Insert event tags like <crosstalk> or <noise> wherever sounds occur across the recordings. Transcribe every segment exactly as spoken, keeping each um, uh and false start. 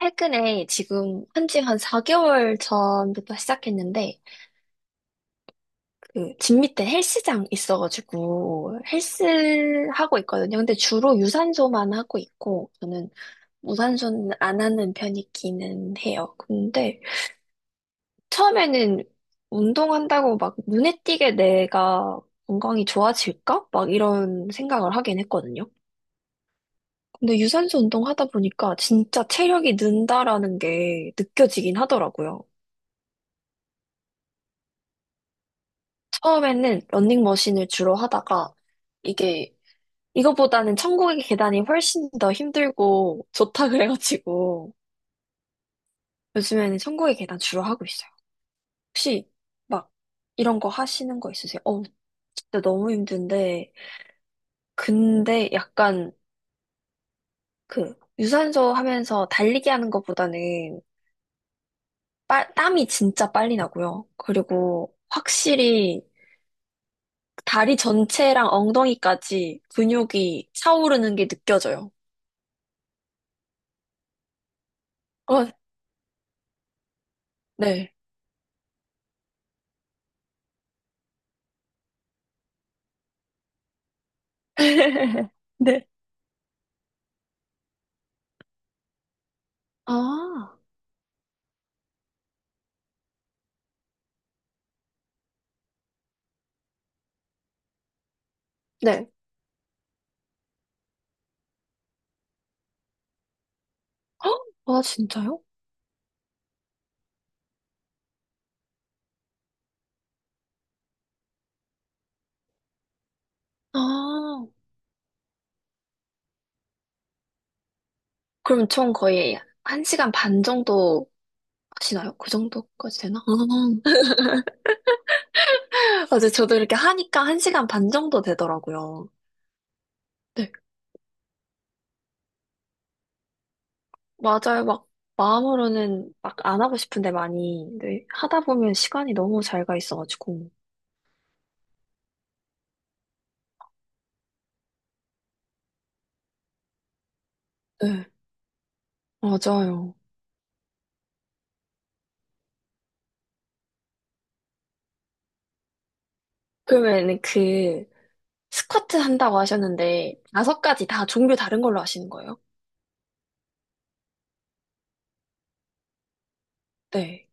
최근에 지금 한지 한 사 개월 전부터 시작했는데, 그, 집 밑에 헬스장 있어가지고, 헬스 하고 있거든요. 근데 주로 유산소만 하고 있고, 저는 무산소는 안 하는 편이기는 해요. 근데 처음에는 운동한다고 막 눈에 띄게 내가 건강이 좋아질까? 막 이런 생각을 하긴 했거든요. 근데 유산소 운동하다 보니까 진짜 체력이 는다라는 게 느껴지긴 하더라고요. 처음에는 러닝머신을 주로 하다가 이게 이거보다는 천국의 계단이 훨씬 더 힘들고 좋다 그래가지고 요즘에는 천국의 계단 주로 하고 있어요. 혹시 막 이런 거 하시는 거 있으세요? 어우, 진짜 너무 힘든데 근데 약간 그 유산소 하면서 달리기 하는 것보다는 빠- 땀이 진짜 빨리 나고요. 그리고 확실히 다리 전체랑 엉덩이까지 근육이 차오르는 게 느껴져요. 어, 네. <laughs> 네. 아, 네. 어? 아, 진짜요? 아, 그럼 총 거의 한 시간 반 정도 하시나요? 그 정도까지 되나? 아, <laughs> 맞아요. 저도 이렇게 하니까 한 시간 반 정도 되더라고요. 네. 맞아요. 막, 마음으로는 막 안 하고 싶은데 많이, 네. 하다 보면 시간이 너무 잘 가 있어가지고. 네. 맞아요. 그러면 그, 스쿼트 한다고 하셨는데, 다섯 가지 다 종류 다른 걸로 하시는 거예요? 네.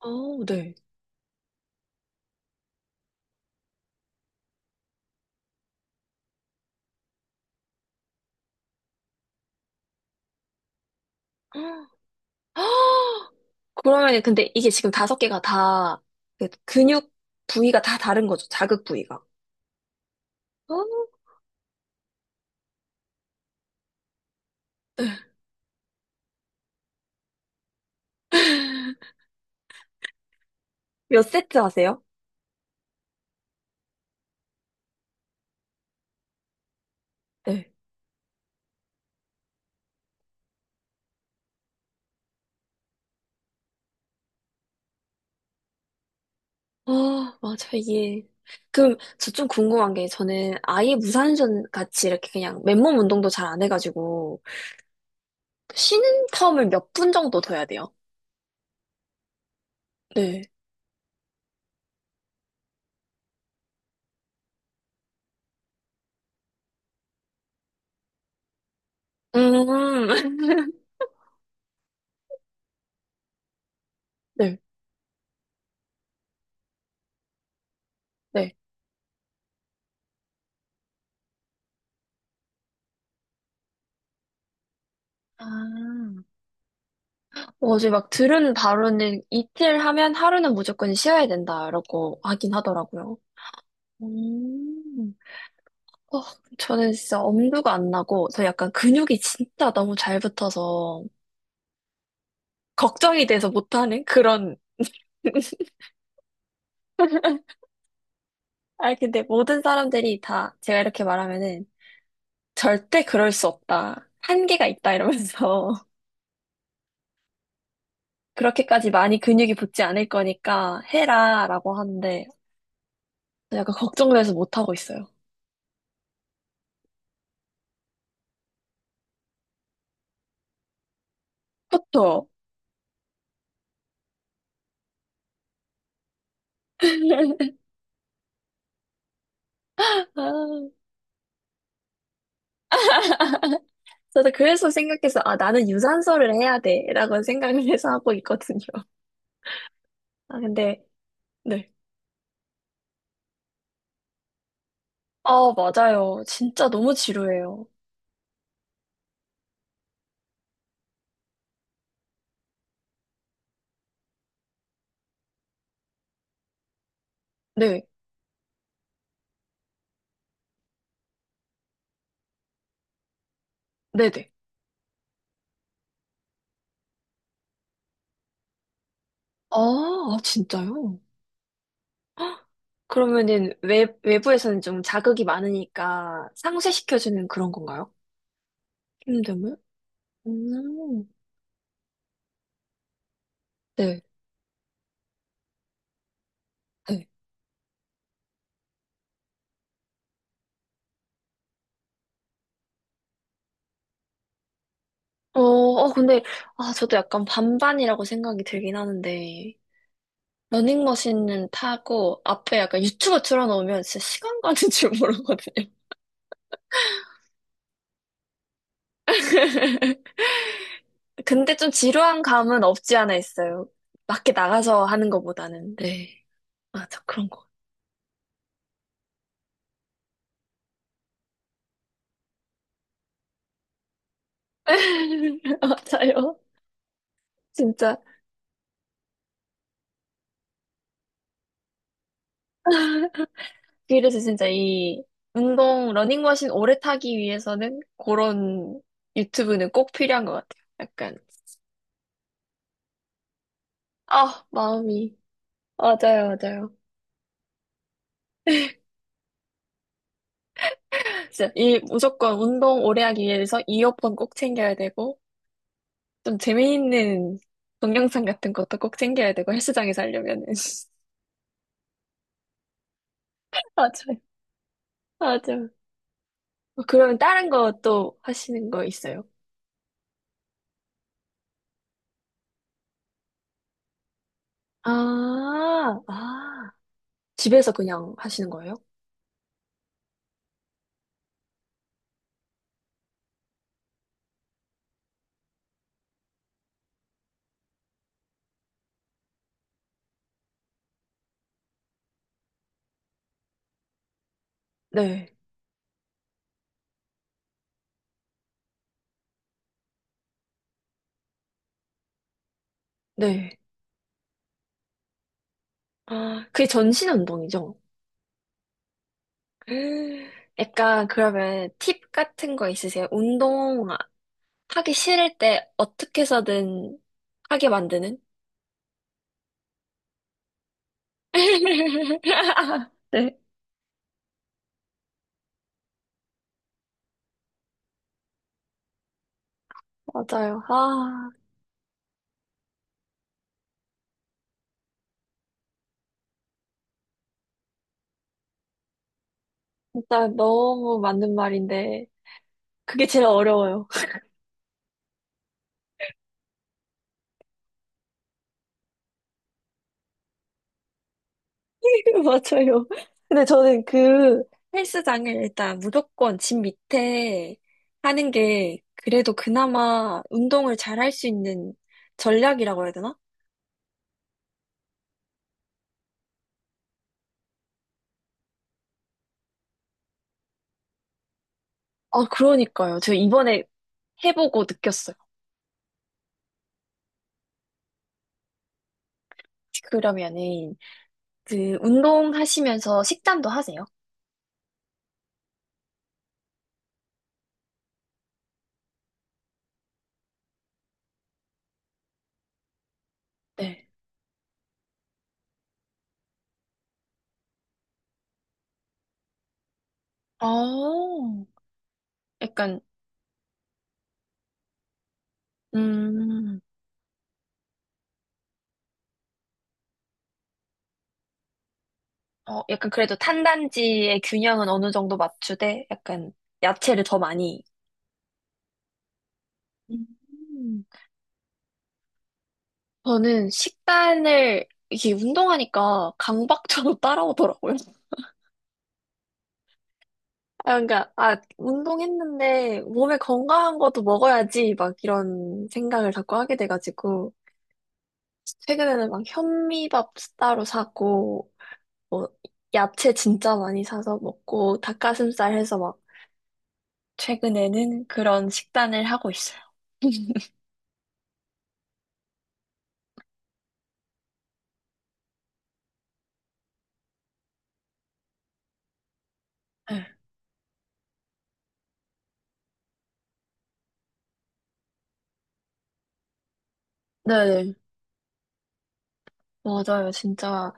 어, 네. <gasps> 그러면 근데 이게 지금 다섯 개가 다그 근육 부위가 다 다른 거죠? 자극 부위가. 어? 네. 몇 세트 하세요? 네. 아, 맞아, 이게. 그럼 저 좀 궁금한 게 저는 아예 무산전 같이 이렇게 그냥 맨몸 운동도 잘 안 해가지고 쉬는 텀을 몇 분 정도 둬야 돼요? 네. 음, <laughs> 네, 네. 아, 어제 막 들은 바로는 이틀 하면 하루는 무조건 쉬어야 된다, 라고 하긴 하더라고요. 음. 어, 저는 진짜 엄두가 안 나고, 저 약간 근육이 진짜 너무 잘 붙어서, 걱정이 돼서 못하는 그런. <laughs> 아, 근데 모든 사람들이 다 제가 이렇게 말하면은, 절대 그럴 수 없다. 한계가 있다, 이러면서. <laughs> 그렇게까지 많이 근육이 붙지 않을 거니까 해라, 라고 하는데, 약간 걱정돼서 못하고 있어요. 그쵸? <laughs> 아, 저도 그래서 생각해서, 아, 나는 유산소를 해야 돼, 라고 생각을 해서 하고 있거든요. 아, 근데, 네. 아, 맞아요. 진짜 너무 지루해요. 네. 네네. 아, 아, 진짜요? 그러면은 외, 외부에서는 좀 자극이 많으니까 상쇄시켜주는 그런 건가요? 힘듦을? 음, 네, 네. 어, 어, 근데, 아, 저도 약간 반반이라고 생각이 들긴 하는데, 러닝머신은 타고, 앞에 약간 유튜브 틀어놓으면 진짜 시간 가는 줄 모르거든요. 근데 좀 지루한 감은 없지 않아 있어요. 밖에 나가서 하는 것보다는. 네. 맞아, 그런 거. <laughs> 맞아요. 진짜. 그래서 진짜 이 운동, 러닝머신 오래 타기 위해서는 그런 유튜브는 꼭 필요한 것 같아요. 약간, 아, 마음이. 맞아요, 맞아요. 진짜 이 무조건 운동 오래 하기 위해서 이어폰 꼭 챙겨야 되고, 좀 재미있는 동영상 같은 것도 꼭 챙겨야 되고, 헬스장에서 하려면은. <laughs> 맞아요. 맞아요. 어, 그러면 다른 거 또 하시는 거 있어요? 아, 아, 집에서 그냥 하시는 거예요? 네, 네. 아, 그게 전신 운동이죠? <gasps> 음, 약간 그러면 팁 같은 거 있으세요? 운동 하기 싫을 때 어떻게 해서든 하게 만드는? <laughs> 네, 맞아요. 아, 진짜 너무 맞는 말인데, 그게 제일 어려워요. <laughs> 맞아요. 근데 저는 그 헬스장을 일단 무조건 집 밑에 하는 게 그래도 그나마 운동을 잘할 수 있는 전략이라고 해야 되나? 아, 그러니까요. 저 이번에 해보고 느꼈어요. 그러면은 그 운동하시면서 식단도 하세요? 네. 어, 약간, 음, 어, 약간 그래도 탄단지의 균형은 어느 정도 맞추되 약간 야채를 더 많이 음. 저는 식단을 이게 운동하니까 강박처럼 <laughs> 따라오더라고요. 아, 그러니까 아 운동했는데 몸에 건강한 것도 먹어야지 막 이런 생각을 자꾸 하게 돼가지고 최근에는 막 현미밥 따로 사고 뭐 야채 진짜 많이 사서 먹고 닭가슴살 해서 막 최근에는 그런 식단을 하고 있어요. <laughs> 네, 네네. 맞아요. 진짜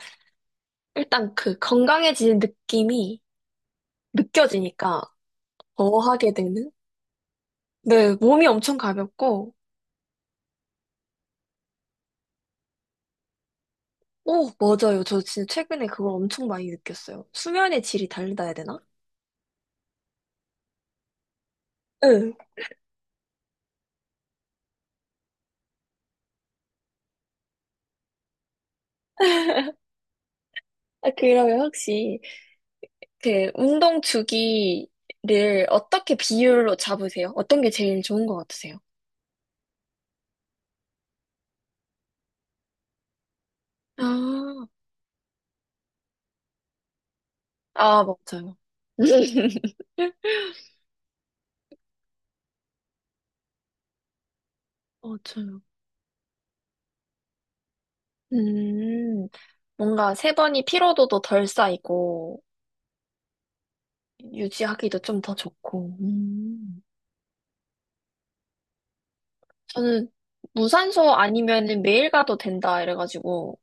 일단 그 건강해지는 느낌이 느껴지니까 더 하게 되는 네, 몸이 엄청 가볍고, 오, 맞아요. 저 진짜 최근에 그걸 엄청 많이 느꼈어요. 수면의 질이 다르다 해야 되나? 응. 아, 그러면 혹시 그 운동 주기를 어떻게 비율로 잡으세요? 어떤 게 제일 좋은 것 같으세요? 아, 아, 뭐. 맞아요. <laughs> 맞아요. 음, 뭔가 세 번이 피로도도 덜 쌓이고, 유지하기도 좀 더 좋고. 음. 저는 무산소 아니면은 매일 가도 된다, 이래가지고.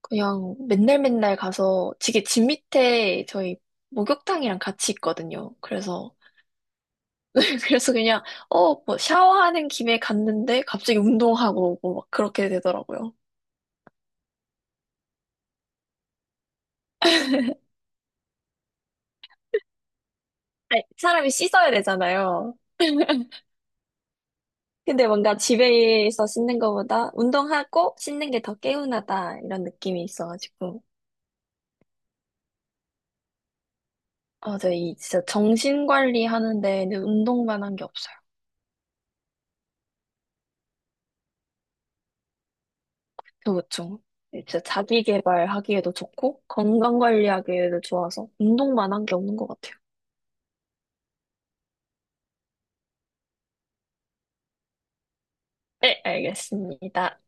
그냥 맨날 맨날 가서 이게 집 밑에 저희 목욕탕이랑 같이 있거든요. 그래서 <laughs> 그래서 그냥 어 뭐 샤워하는 김에 갔는데 갑자기 운동하고 오고 막 그렇게 되더라고요. 아니, 사람이 씻어야 되잖아요. 근데 뭔가 집에서 씻는 것보다 운동하고 씻는 게 더 개운하다 이런 느낌이 있어가지고 아, 저이 진짜 정신 관리하는 데는 운동만 한 게 없어요. 그렇죠. 진짜 자기 개발하기에도 좋고, 건강 관리하기에도 좋아서, 운동만 한 게 없는 것 같아요. 네, 알겠습니다.